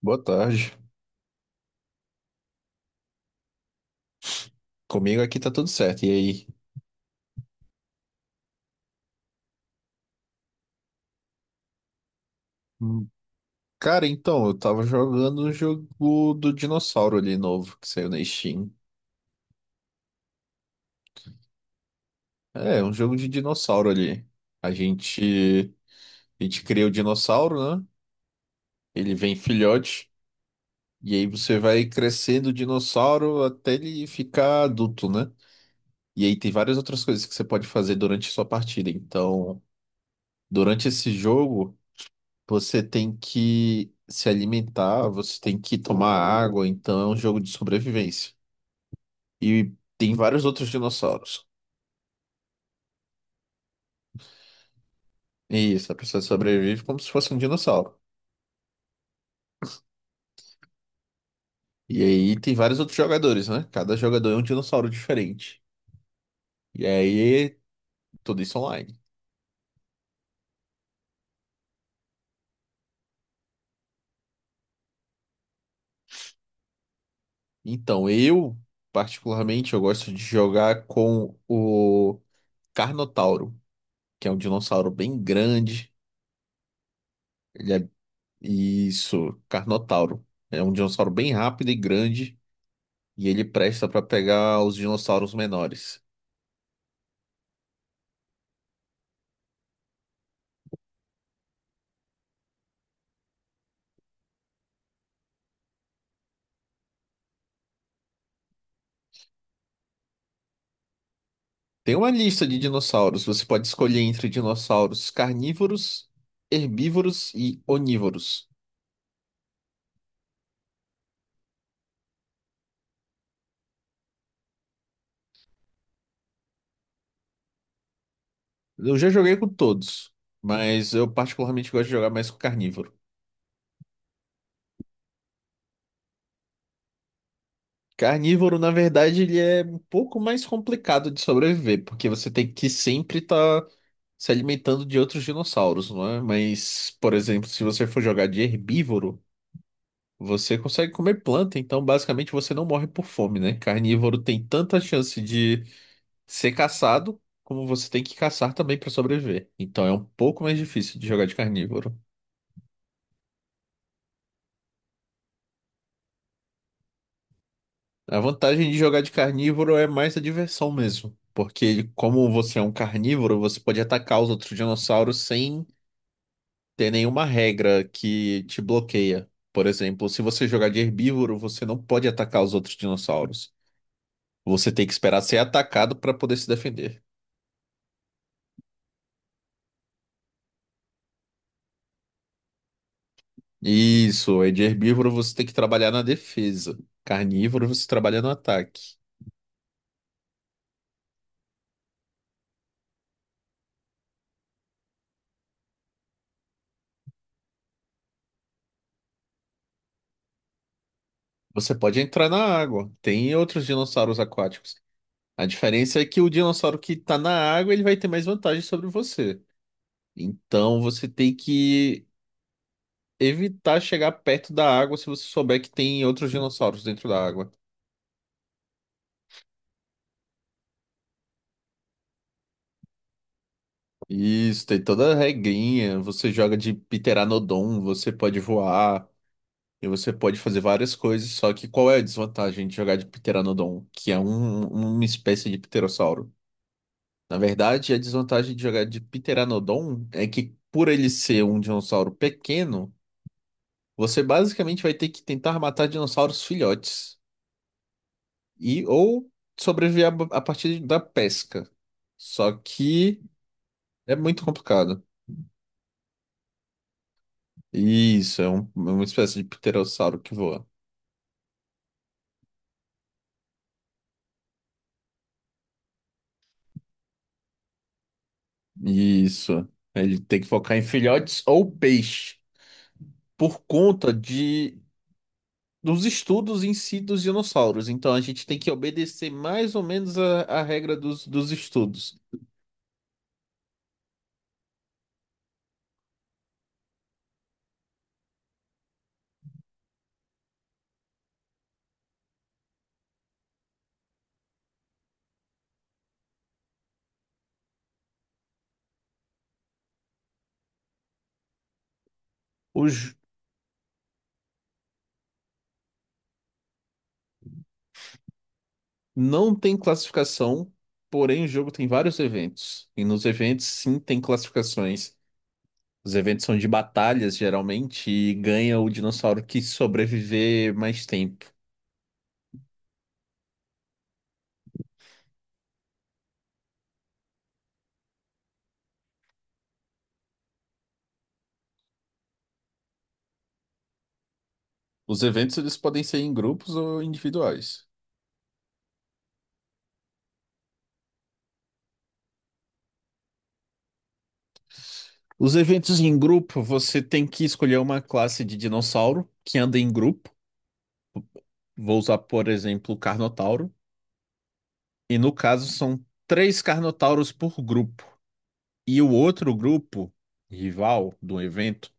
Boa tarde. Comigo aqui tá tudo certo. E aí? Hum. Cara, então, eu tava jogando um jogo do dinossauro ali novo, que saiu na Steam. É, um jogo de dinossauro ali. A gente, a gente cria o dinossauro, né? Ele vem filhote. E aí você vai crescendo o dinossauro até ele ficar adulto, né? E aí tem várias outras coisas que você pode fazer durante a sua partida. Então, durante esse jogo. Você tem que se alimentar, você tem que tomar água, então é um jogo de sobrevivência. E tem vários outros dinossauros. Isso, a pessoa sobrevive como se fosse um dinossauro. E aí tem vários outros jogadores, né? Cada jogador é um dinossauro diferente. E aí, tudo isso online. Então, eu, particularmente, eu gosto de jogar com o Carnotauro, que é um dinossauro bem grande. Ele é... Isso, Carnotauro. É um dinossauro bem rápido e grande. E ele presta para pegar os dinossauros menores. Tem uma lista de dinossauros. Você pode escolher entre dinossauros carnívoros, herbívoros e onívoros. Eu já joguei com todos, mas eu particularmente gosto de jogar mais com carnívoro. Carnívoro, na verdade, ele é um pouco mais complicado de sobreviver, porque você tem que sempre estar se alimentando de outros dinossauros, não é? Mas, por exemplo, se você for jogar de herbívoro, você consegue comer planta, então basicamente você não morre por fome, né? Carnívoro tem tanta chance de ser caçado, como você tem que caçar também para sobreviver. Então é um pouco mais difícil de jogar de carnívoro. A vantagem de jogar de carnívoro é mais a diversão mesmo, porque como você é um carnívoro, você pode atacar os outros dinossauros sem ter nenhuma regra que te bloqueia. Por exemplo, se você jogar de herbívoro, você não pode atacar os outros dinossauros. Você tem que esperar ser atacado para poder se defender. Isso, é de herbívoro você tem que trabalhar na defesa. Carnívoro você trabalha no ataque. Você pode entrar na água. Tem outros dinossauros aquáticos. A diferença é que o dinossauro que tá na água, ele vai ter mais vantagem sobre você. Então você tem que evitar chegar perto da água se você souber que tem outros dinossauros dentro da água. Isso, tem toda a regrinha. Você joga de Pteranodon, você pode voar. E você pode fazer várias coisas, só que qual é a desvantagem de jogar de Pteranodon, que é uma espécie de pterossauro? Na verdade, a desvantagem de jogar de Pteranodon é que, por ele ser um dinossauro pequeno, você basicamente vai ter que tentar matar dinossauros filhotes e ou sobreviver a partir da pesca. Só que é muito complicado. Isso, é, é uma espécie de pterossauro que voa. Isso. Ele tem que focar em filhotes ou peixe por conta de dos estudos em si dos dinossauros. Então a gente tem que obedecer mais ou menos a regra dos estudos. Os, não tem classificação, porém o jogo tem vários eventos. E nos eventos sim tem classificações. Os eventos são de batalhas, geralmente, e ganha o dinossauro que sobreviver mais tempo. Os eventos eles podem ser em grupos ou individuais. Os eventos em grupo, você tem que escolher uma classe de dinossauro que anda em grupo. Vou usar, por exemplo, o Carnotauro. E no caso, são 3 Carnotauros por grupo. E o outro grupo, rival do evento,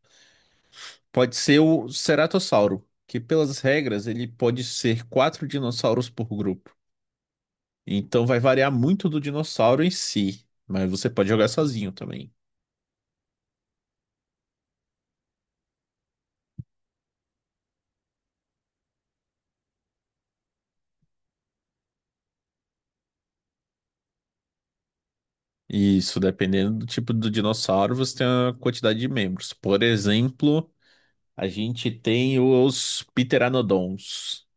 pode ser o Ceratossauro, que pelas regras ele pode ser 4 dinossauros por grupo. Então vai variar muito do dinossauro em si, mas você pode jogar sozinho também. Isso, dependendo do tipo do dinossauro, você tem uma quantidade de membros. Por exemplo, a gente tem os Pteranodons.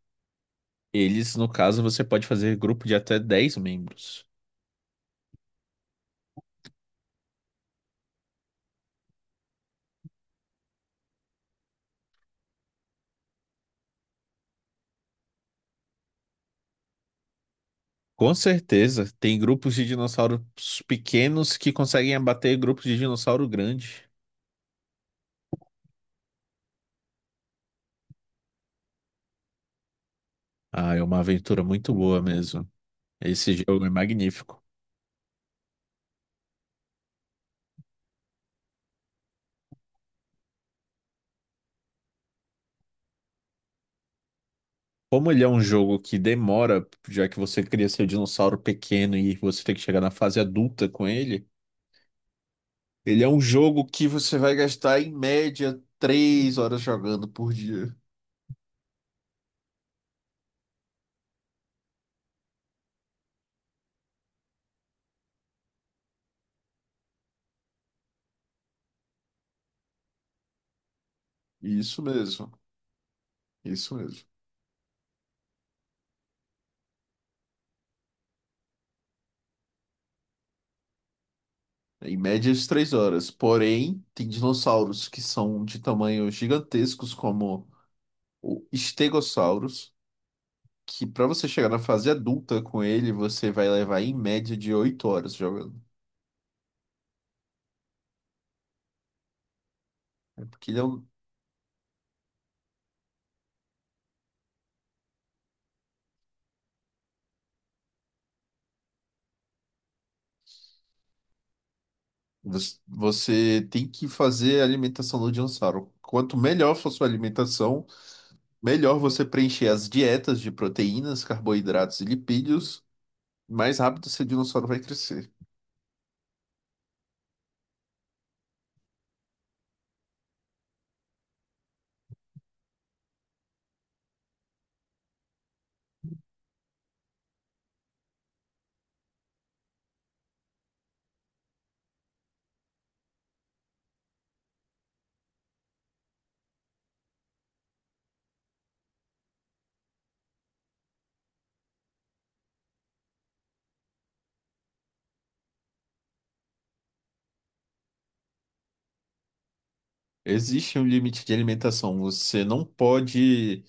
Eles, no caso, você pode fazer grupo de até 10 membros. Com certeza, tem grupos de dinossauros pequenos que conseguem abater grupos de dinossauro grande. Ah, é uma aventura muito boa mesmo. Esse jogo é magnífico. Como ele é um jogo que demora, já que você cria seu dinossauro pequeno e você tem que chegar na fase adulta com ele, ele é um jogo que você vai gastar em média 3 horas jogando por dia. Isso mesmo, isso mesmo. Em média de 3 horas. Porém, tem dinossauros que são de tamanhos gigantescos, como o Stegosaurus, que para você chegar na fase adulta com ele, você vai levar em média de 8 horas jogando. É porque ele é um... Você tem que fazer a alimentação do dinossauro. Quanto melhor for sua alimentação, melhor você preencher as dietas de proteínas, carboidratos e lipídios, mais rápido seu dinossauro vai crescer. Existe um limite de alimentação. Você não pode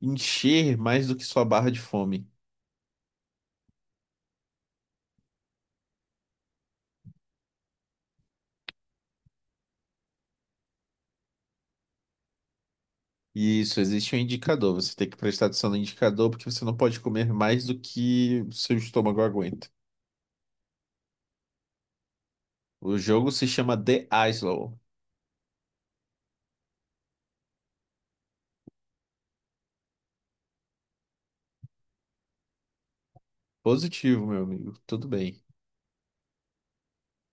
encher mais do que sua barra de fome. Isso, existe um indicador. Você tem que prestar atenção no indicador porque você não pode comer mais do que o seu estômago aguenta. O jogo se chama The Islo. Positivo, meu amigo. Tudo bem.